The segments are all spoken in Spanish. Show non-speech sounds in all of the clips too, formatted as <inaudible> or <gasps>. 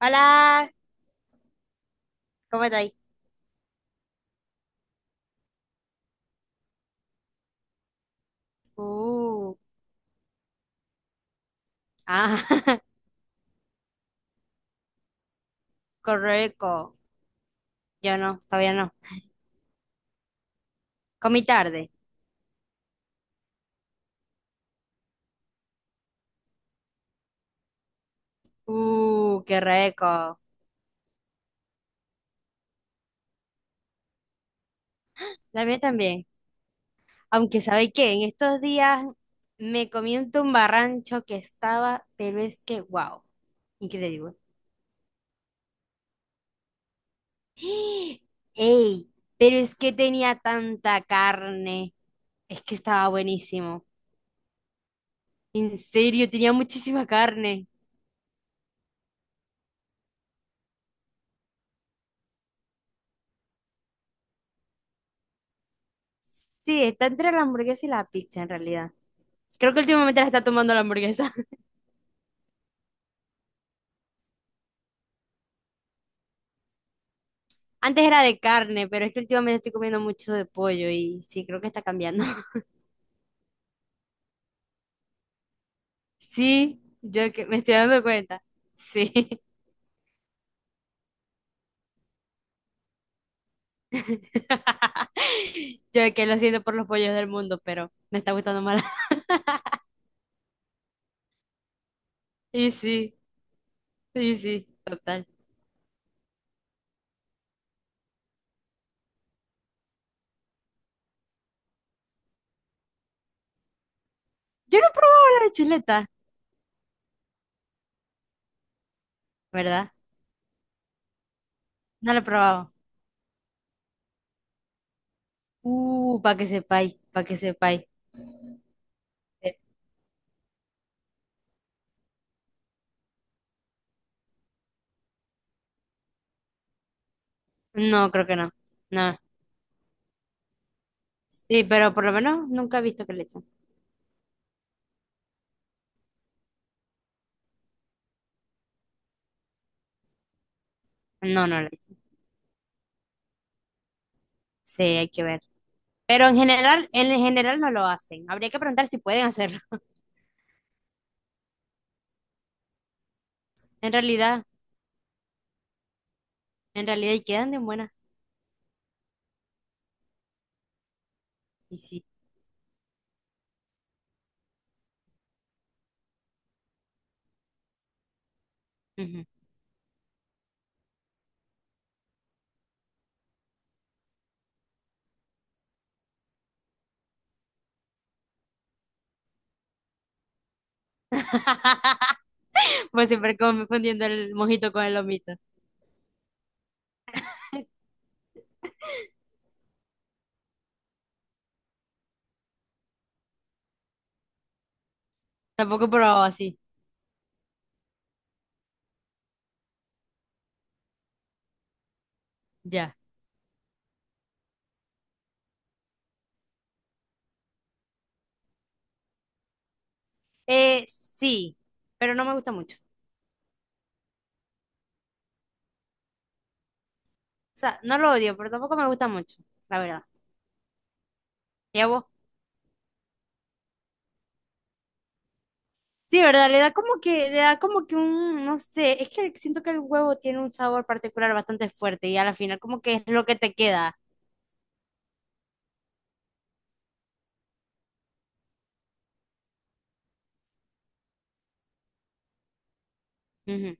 Hola, ¿cómo estáis? Uh, ah, <laughs> correco. Yo no, todavía no. Comí tarde. Qué rico. La mía también. Aunque, ¿sabéis qué? En estos días me comí un tumbarrancho que estaba, pero es que, wow, increíble. <gasps> ¡Ey! Pero es que tenía tanta carne. Es que estaba buenísimo. En serio, tenía muchísima carne. Sí, está entre la hamburguesa y la pizza en realidad. Creo que últimamente la está tomando la hamburguesa. <laughs> Antes era de carne, pero es que últimamente estoy comiendo mucho de pollo y sí, creo que está cambiando. <laughs> Sí, yo que me estoy dando cuenta. Sí. <laughs> Yo que lo siento por los pollos del mundo, pero me está gustando más. <laughs> Y sí, y sí, total. Yo no he probado la de chuleta, ¿verdad? No la he probado. Para que sepáis, para que sepáis. Eh, No, creo que no. No. Sí, pero por lo menos nunca he visto que le echen. No, no le echan. Sí, hay que ver. Pero en general no lo hacen. Habría que preguntar si pueden hacerlo. <laughs> En realidad, en realidad, y quedan de buena. Y sí. Ujú. <laughs> Pues siempre confundiendo el mojito con el lomito. Tampoco he probado así. Ya. Sí, pero no me gusta mucho. O sea, no lo odio, pero tampoco me gusta mucho, la verdad. ¿Y a vos? Sí, ¿verdad? Le da como que, un, no sé, es que siento que el huevo tiene un sabor particular bastante fuerte y a la final como que es lo que te queda. Ujú,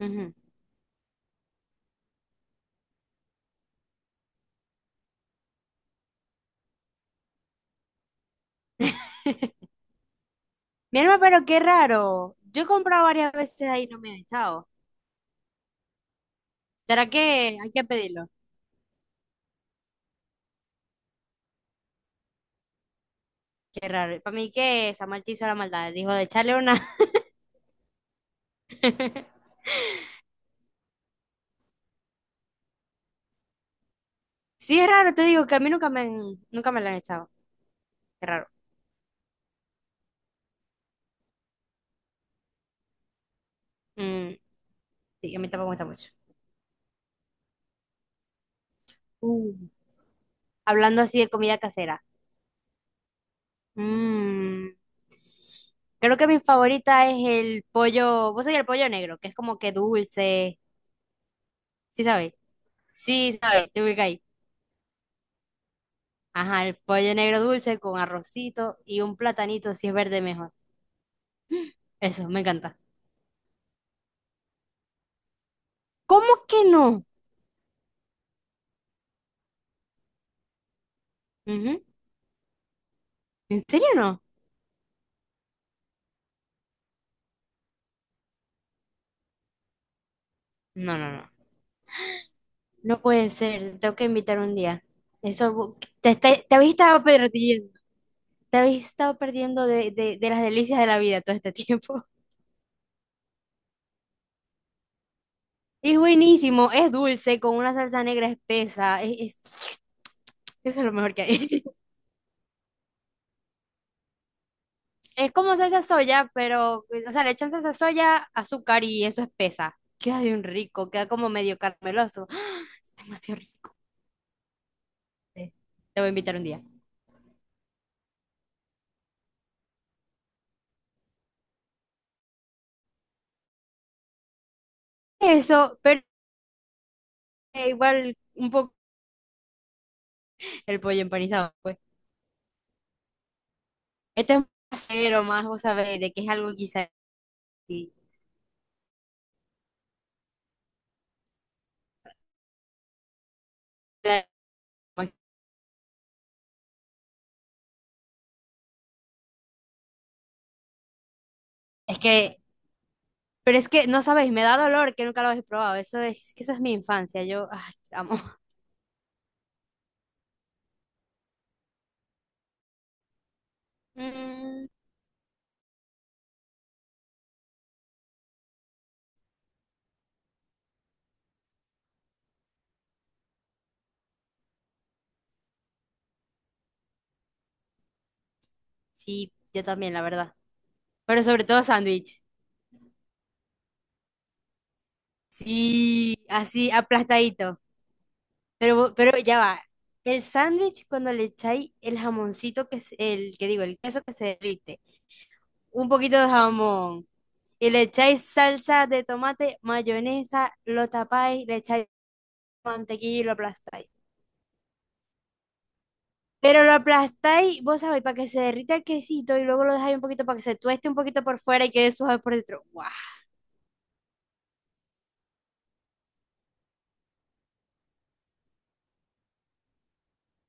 ujú. <laughs> Mi alma, pero qué raro. Yo he comprado varias veces ahí y no me han echado. ¿Será que hay que pedirlo? Qué raro. Para mí que Samuel te hizo la maldad. Dijo de echarle una. <laughs> Sí, es raro, te digo que a mí nunca me la han echado. Qué raro. Mm, sí, a mí tampoco me gusta mucho. Uh, hablando así de comida casera. Mm, creo que mi favorita es el pollo, vos sabés el pollo negro, que es como que dulce, ¿sí sabéis? Sí, sabéis, te ubicáis. Ajá, el pollo negro dulce con arrocito y un platanito, si es verde mejor. Eso, me encanta. ¿Cómo que no? Ujú. ¿En serio no? No, no, no. No puede ser, tengo que invitar un día. Eso, te habéis estado perdiendo de las delicias de la vida todo este tiempo. Es buenísimo, es dulce, con una salsa negra espesa. Eso es lo mejor que hay. <laughs> Es como salsa soya, pero, o sea, le echan salsa soya, azúcar y eso espesa. Queda de un rico, queda como medio carameloso. <gasps> ¡Ah! Es demasiado rico. Te voy a invitar un día. Eso, pero igual un poco el pollo empanizado, pues. Esto es más casero, más, vos sabés, de que es algo quizás. Sí. Es que, pero es que, no sabéis, me da dolor que nunca lo habéis probado. Eso es, que eso es mi infancia, yo, ay, amo. Mm. Sí, yo también, la verdad. Pero sobre todo sándwich. Sí, así aplastadito. Pero ya va. El sándwich, cuando le echáis el jamoncito, que es el que digo, el queso que se derrite, un poquito de jamón, y le echáis salsa de tomate, mayonesa, lo tapáis, le echáis mantequilla y lo aplastáis. Pero lo aplastáis, vos sabéis, para que se derrita el quesito y luego lo dejáis un poquito para que se tueste un poquito por fuera y quede suave por dentro. ¡Wow!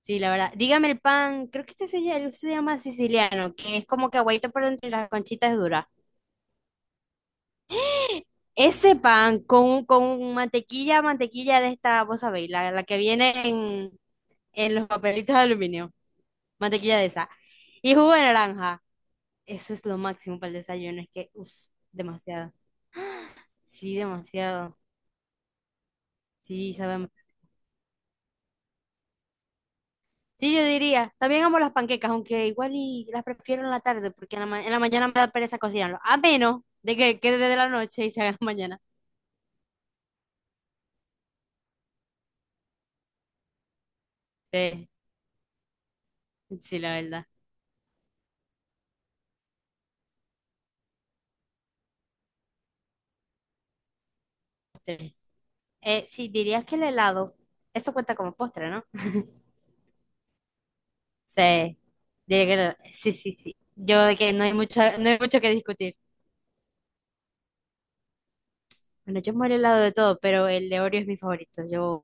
Sí, la verdad. Dígame el pan, creo que este se llama siciliano, que es como que aguaito por entre las conchitas duras. Ese pan con mantequilla, mantequilla de esta, vos sabéis, la que viene en los papelitos de aluminio, mantequilla de esa. Y jugo de naranja. Eso es lo máximo para el desayuno, es que, uff, demasiado. Sí, demasiado. Sí, sabemos. Sí, yo diría, también amo las panquecas, aunque igual y las prefiero en la tarde, porque en la mañana me da pereza cocinarlo, a menos de que quede de la noche y se haga <laughs> mañana. Tres. Sí, la verdad. Tres. Sí, dirías que el helado, eso cuenta como postre, ¿no? Sí. Diría que helado, sí, sí, sí. Yo de que no hay mucho, no hay mucho que discutir. Bueno, yo amo el helado de todo, pero el de Oreo es mi favorito. Yo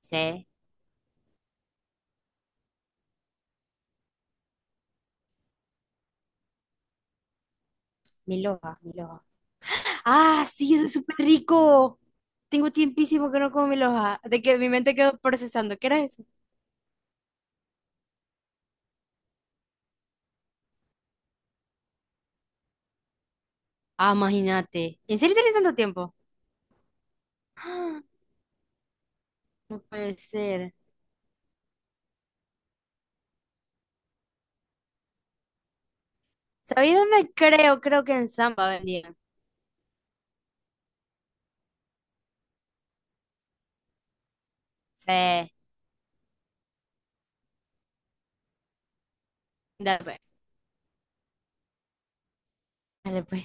sé. Mi loja, mi loja. Ah, sí, eso es súper rico. Tengo tiempísimo que no como mi loja. De que mi mente quedó procesando. ¿Qué era eso? Ah, imagínate. ¿En serio tenés tanto tiempo? <gasps> Ah, no puede ser. ¿Sabéis dónde creo? Creo que en Samba vendían. Sí. Dale, pues. Dale, pues.